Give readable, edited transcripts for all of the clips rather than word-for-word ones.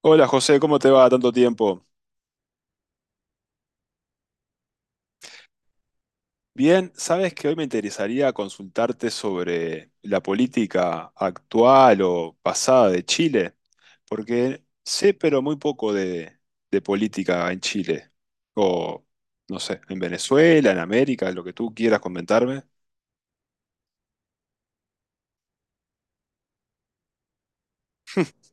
Hola José, ¿cómo te va? Tanto tiempo. Bien, sabes que hoy me interesaría consultarte sobre la política actual o pasada de Chile, porque sé pero muy poco de política en Chile, o no sé, en Venezuela, en América, lo que tú quieras comentarme.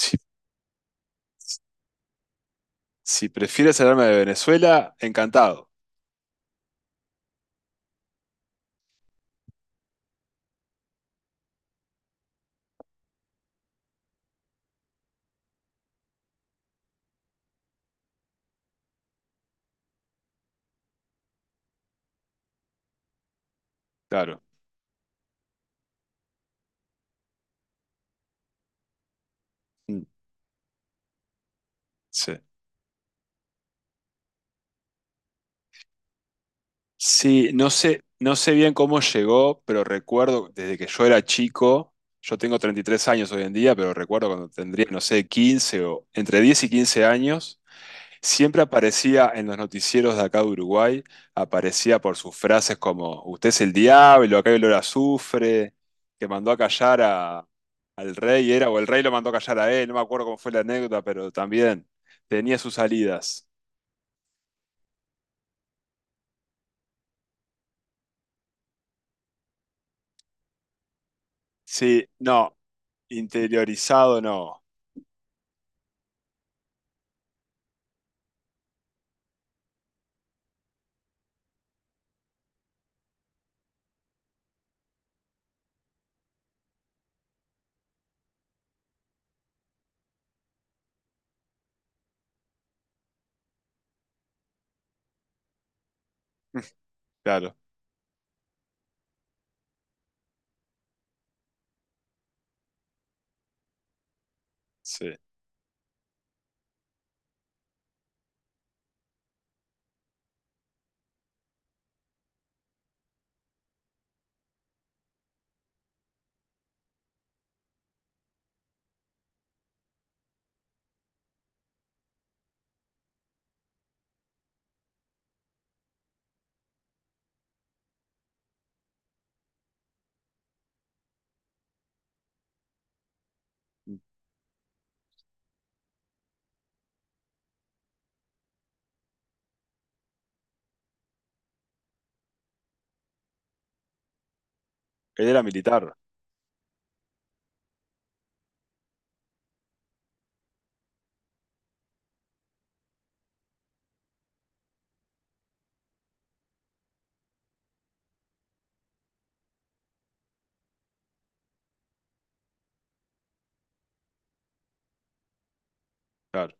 Si, si prefieres hablarme de Venezuela, encantado, claro. Mm. Sí. Sí, no sé, no sé bien cómo llegó, pero recuerdo desde que yo era chico, yo tengo 33 años hoy en día, pero recuerdo cuando tendría, no sé, 15 o entre 10 y 15 años, siempre aparecía en los noticieros de acá de Uruguay, aparecía por sus frases como, usted es el diablo, acá hay olor a azufre, que mandó a callar al rey, era, o el rey lo mandó a callar a él, no me acuerdo cómo fue la anécdota, pero también tenía sus salidas. Sí, no, interiorizado no. Claro, sí. Él era militar, claro,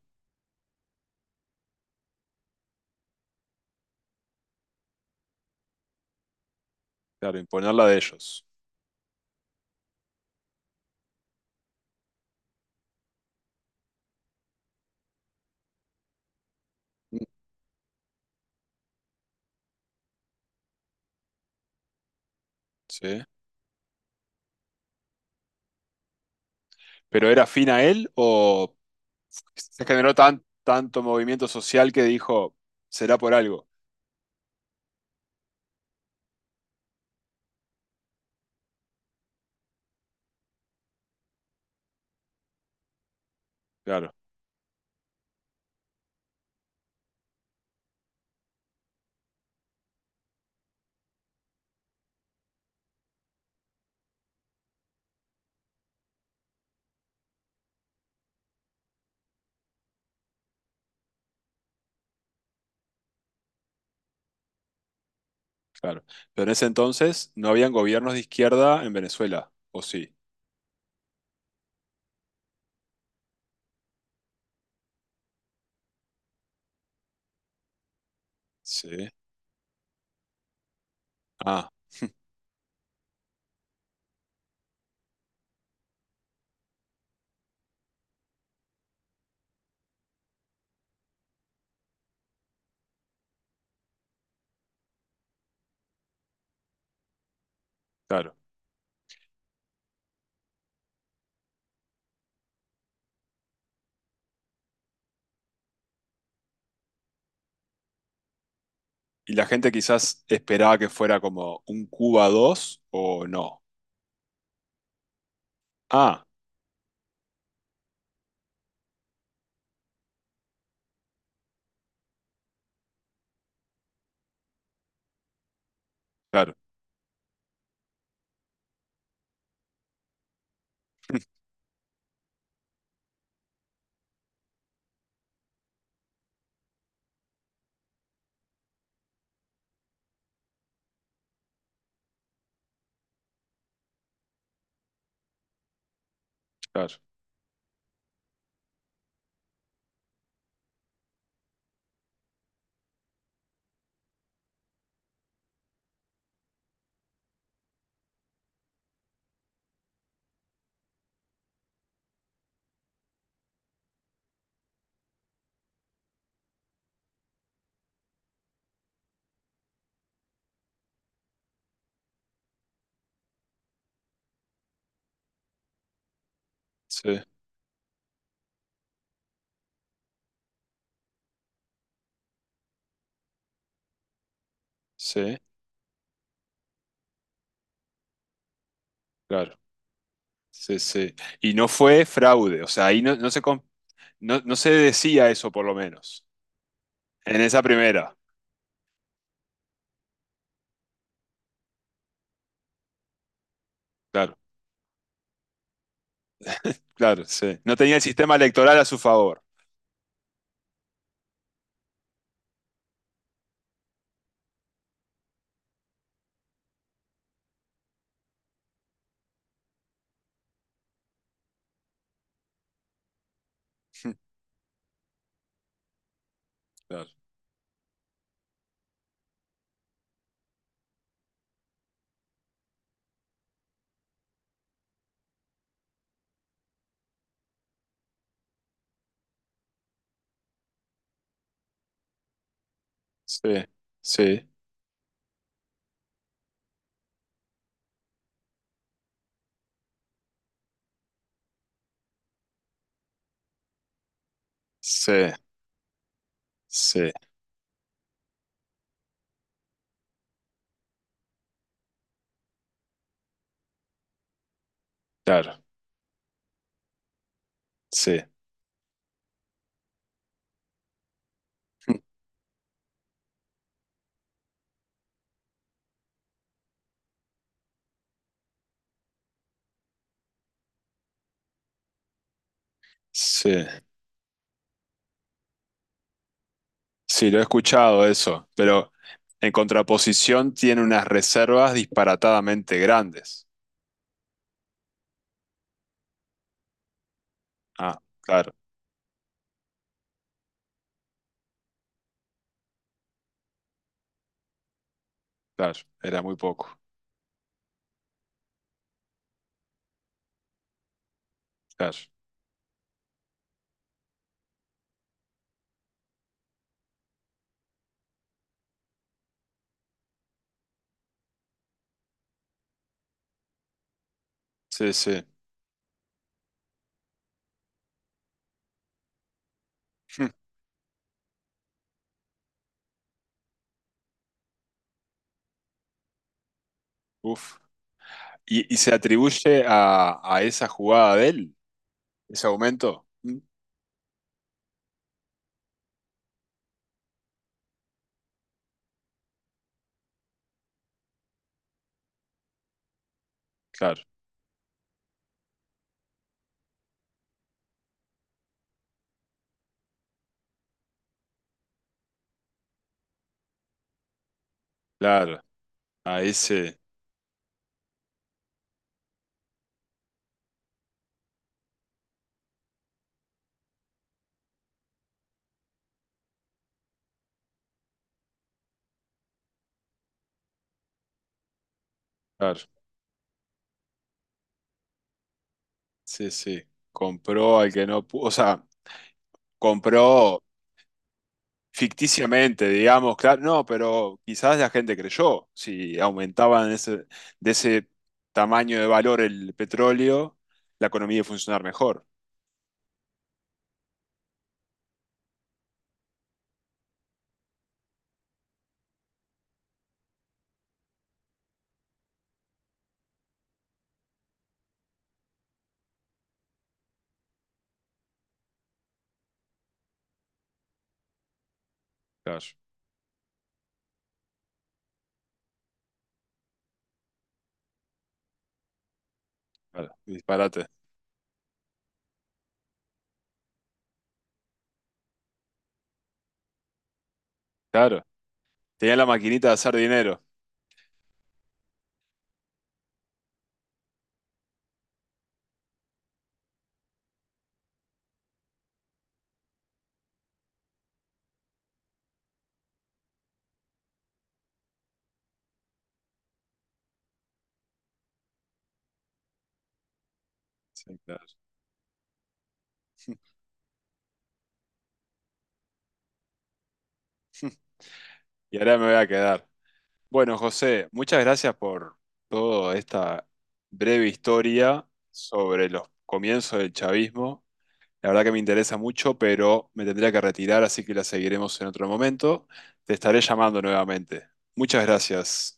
claro, imponerla de ellos. Mm. Sí. ¿Pero era afín a él o se generó tanto movimiento social que dijo, será por algo? Claro, claro. Pero en ese entonces no habían gobiernos de izquierda en Venezuela, ¿o sí? Sí. Ah, claro. Y la gente quizás esperaba que fuera como un Cuba 2 o no. Ah, claro, claro. Sí, sí, claro. Sí, sí. Y no fue fraude, o sea, ahí no, no, no se decía eso por lo menos. En esa primera, claro, claro, sí. No tenía el sistema electoral a su favor. Claro. Sí, sí, sí, sí, claro, sí, sí. Sí, lo he escuchado eso, pero en contraposición tiene unas reservas disparatadamente grandes. Ah, claro, claro, era muy poco, claro. Sí, sí. Uf. ¿Y se atribuye a esa jugada de él, ese aumento? Mm. Claro, claro, a ese, claro, sí, sí. Compró al que no pudo, o sea, compró ficticiamente, digamos, claro, no, pero quizás la gente creyó, si aumentaban de ese tamaño de valor el petróleo, la economía iba a funcionar mejor. Claro, claro, disparate. Claro, tenían la maquinita de hacer dinero. Sí, claro. Y ahora me voy a quedar. Bueno, José, muchas gracias por toda esta breve historia sobre los comienzos del chavismo. La verdad que me interesa mucho, pero me tendría que retirar, así que la seguiremos en otro momento. Te estaré llamando nuevamente. Muchas gracias.